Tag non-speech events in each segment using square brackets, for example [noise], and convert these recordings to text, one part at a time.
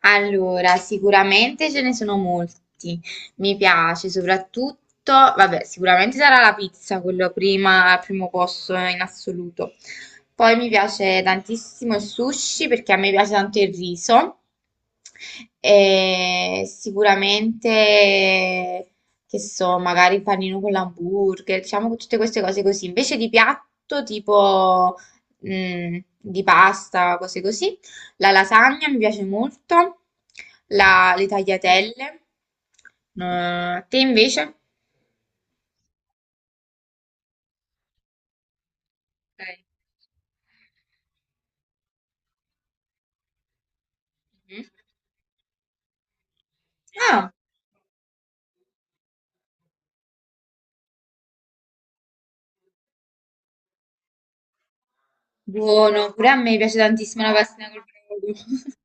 Allora, sicuramente ce ne sono molti. Mi piace soprattutto, vabbè, sicuramente sarà la pizza, quello prima, al primo posto in assoluto. Poi mi piace tantissimo il sushi perché a me piace tanto il riso. E sicuramente, che so, magari il panino con l'hamburger, diciamo che tutte queste cose così. Invece di piatto, tipo, di pasta, cose così. La lasagna mi piace molto, le tagliatelle. A te invece? Ok. Mm. Ah, buono, pure a me piace tantissimo la pastina col brodo. [laughs]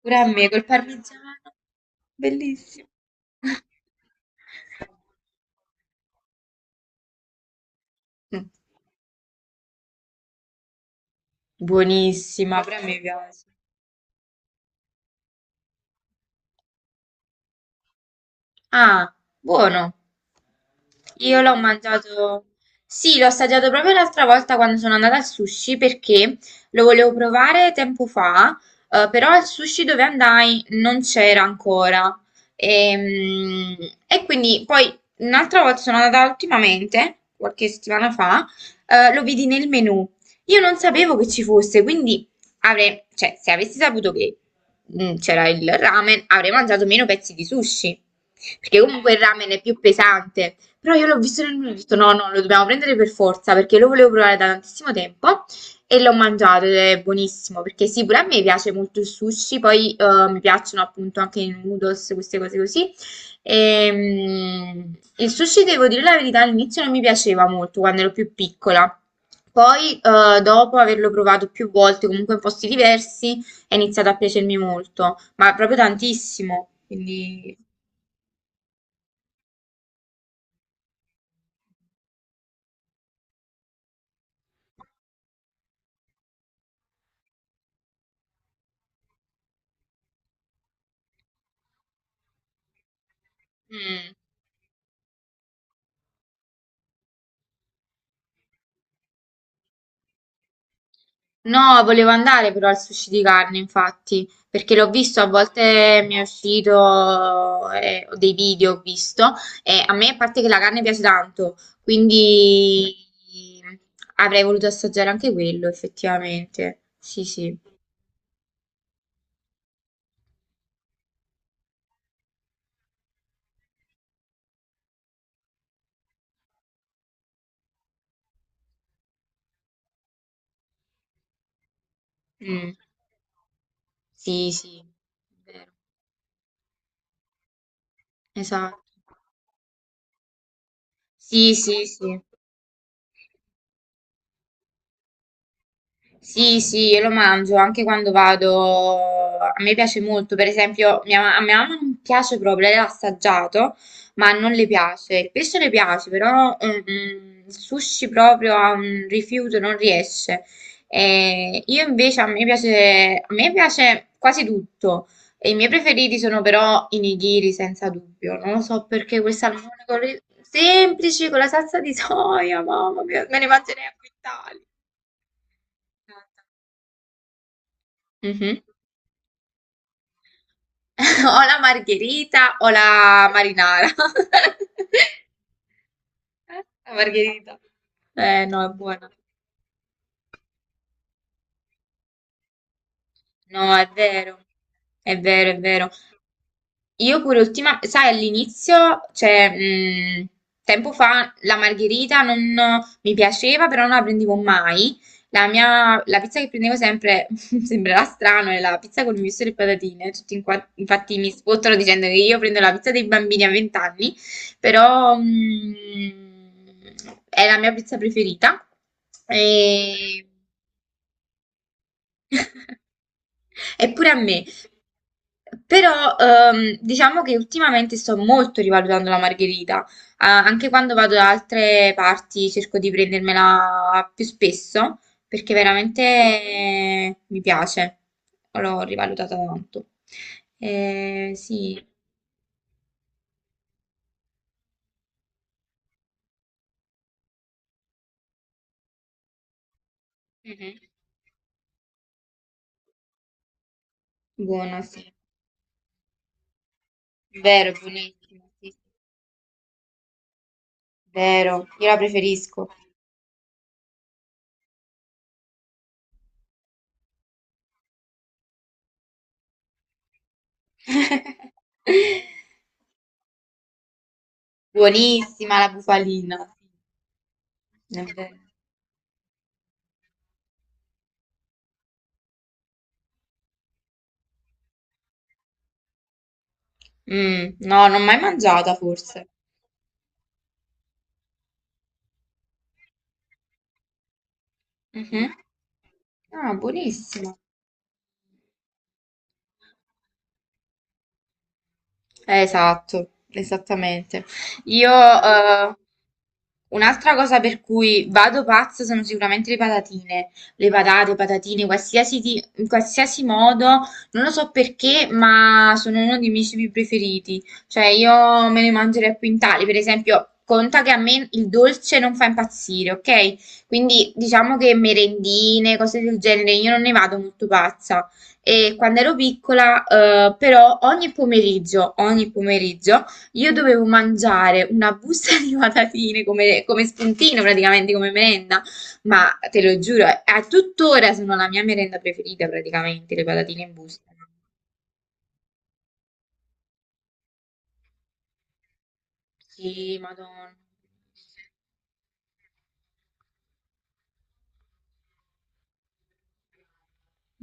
Pure a me col parmigiano, bellissimo. [laughs] Mm. Buonissima, pure a me piace. Ah, buono. Io l'ho mangiato, sì, l'ho assaggiato proprio l'altra volta quando sono andata al sushi perché lo volevo provare tempo fa, però al sushi dove andai non c'era ancora. Ehm, quindi poi un'altra volta sono andata ultimamente, qualche settimana fa, lo vidi nel menù. Io non sapevo che ci fosse, quindi avrei, cioè, se avessi saputo che c'era il ramen, avrei mangiato meno pezzi di sushi. Perché comunque il ramen è più pesante. Però io l'ho visto nel menu e ho detto no, no, lo dobbiamo prendere per forza perché lo volevo provare da tantissimo tempo e l'ho mangiato ed è buonissimo perché sì, pure a me piace molto il sushi, poi mi piacciono appunto anche i noodles, queste cose così. Il sushi, devo dire la verità, all'inizio non mi piaceva molto quando ero più piccola. Poi, dopo averlo provato più volte, comunque in posti diversi, è iniziato a piacermi molto, ma proprio tantissimo. Quindi... mm. No, volevo andare però al sushi di carne, infatti, perché l'ho visto, a volte mi è uscito dei video, ho visto, e a me, a parte che la carne piace tanto, quindi avrei voluto assaggiare anche quello, effettivamente. Sì, sì. Mm. Sì, sì. Vero. Esatto. Sì, sì, sì. Sì, sì, io lo mangio anche quando vado. A me piace molto, per esempio, a mia mamma non piace proprio, lei l'ha assaggiato, ma non le piace. Il pesce le piace, però il sushi proprio ha un rifiuto, non riesce. E io invece a me piace quasi tutto. E i miei preferiti sono però i nigiri, senza dubbio. Non lo so perché quel salmone con semplice, con la salsa di soia, mamma mia, me ne mangerei a quintali. Mhm. [laughs] O la margherita o la marinara. [laughs] La margherita. Eh no, è buona. No, è vero. È vero, è vero. Io pure ultima, sai, all'inizio, cioè, tempo fa la margherita non mi piaceva, però non la prendevo mai. La pizza che prendevo sempre, [laughs] sembrerà strano, è la pizza con il misto e le patatine. Infatti mi spottano dicendo che io prendo la pizza dei bambini a 20 anni, però è la mia pizza preferita. E, eppure a me. Però diciamo che ultimamente sto molto rivalutando la margherita, ah, anche quando vado da altre parti cerco di prendermela più spesso perché veramente mi piace, l'ho rivalutata tanto. Sì, mhm. Buona, sì, vero, buonissima, sì, sì. Vero, io la preferisco. [laughs] Buonissima la bufalina, sì, è vero. Mm, no, non l'ho mai mangiata forse. Mhm. Ah, buonissimo. Esatto, esattamente. Io, un'altra cosa per cui vado pazza sono sicuramente le patatine. Le patate, patatine, in qualsiasi modo, non lo so perché, ma sono uno dei miei cibi preferiti. Cioè, io me ne mangerei a quintali. Per esempio, conta che a me il dolce non fa impazzire, ok? Quindi diciamo che merendine, cose del genere, io non ne vado molto pazza. E quando ero piccola, però, ogni pomeriggio, io dovevo mangiare una busta [laughs] di patatine come spuntino, praticamente come merenda. Ma te lo giuro, a tuttora sono la mia merenda preferita, praticamente, le patatine in busta. Sì, madonna.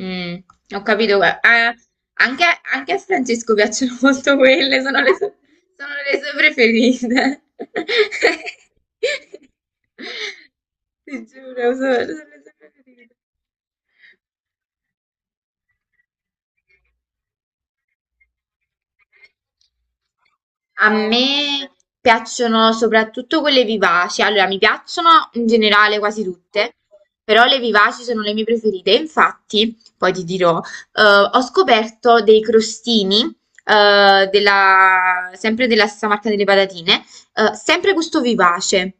Mm, ho capito. Anche, anche a Francesco piacciono [laughs] molto quelle, sono le sue preferite. [laughs] Ti giuro, sono le sue preferite. A me piacciono soprattutto quelle vivaci, allora mi piacciono in generale quasi tutte, però le vivaci sono le mie preferite. Infatti, poi ti dirò, ho scoperto dei crostini, sempre della stessa marca delle patatine, sempre gusto vivace.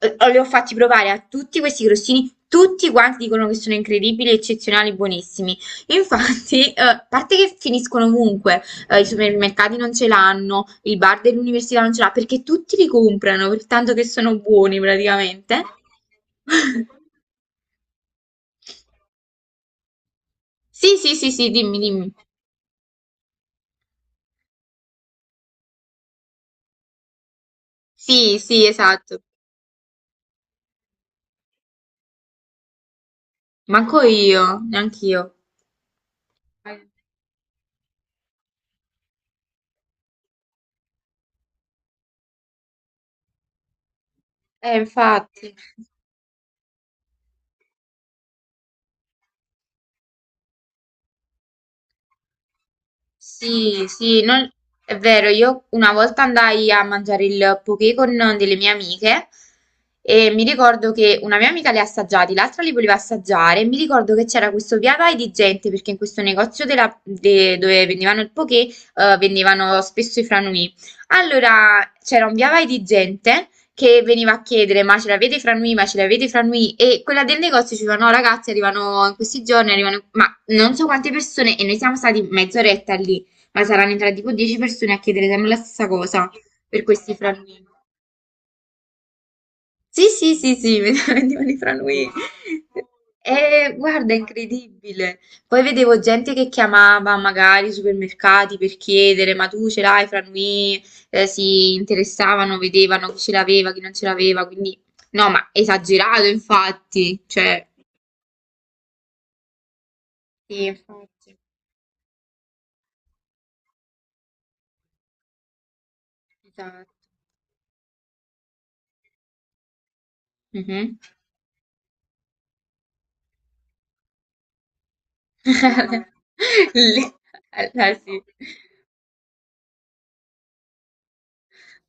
Li ho fatti provare a tutti questi crostini, tutti quanti dicono che sono incredibili, eccezionali, buonissimi. Infatti, a parte che finiscono ovunque i supermercati non ce l'hanno, il bar dell'università non ce l'ha, perché tutti li comprano, per tanto che sono buoni praticamente. [laughs] Sì, sì, sì, sì, dimmi, dimmi. Sì, sì, esatto. Manco io, neanche io. Infatti. Sì, sì, non- è vero, io una volta andai a mangiare il poké con delle mie amiche e mi ricordo che una mia amica li ha assaggiati, l'altra li voleva assaggiare e mi ricordo che c'era questo via vai di gente perché in questo dove vendevano il poké vendevano spesso i franui. Allora c'era un via vai di gente che veniva a chiedere ma ce l'avete i franui, ma ce l'avete i franui e quella del negozio diceva no ragazzi arrivano in questi giorni, arrivano... ma non so quante persone, e noi siamo stati mezz'oretta lì, ma saranno entrate tipo 10 persone a chiedere sempre la stessa cosa per questi franui. Sì, sì, sì, sì, [laughs] vendevano i franui. E guarda, è incredibile. Poi vedevo gente che chiamava magari i supermercati per chiedere, ma tu ce l'hai i franui? Si interessavano, vedevano chi ce l'aveva, chi non ce l'aveva, quindi no, ma esagerato infatti, cioè... Sì, infatti, esatto. Mhm. [laughs] Le- allora, sì.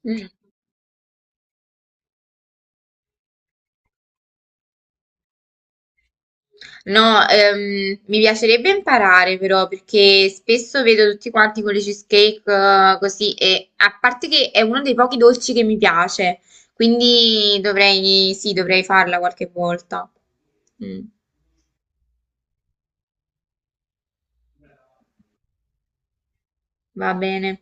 Mm. No, mi piacerebbe imparare però perché spesso vedo tutti quanti con le cheesecake così e a parte che è uno dei pochi dolci che mi piace, quindi dovrei, sì, dovrei farla qualche volta. Mm, va bene.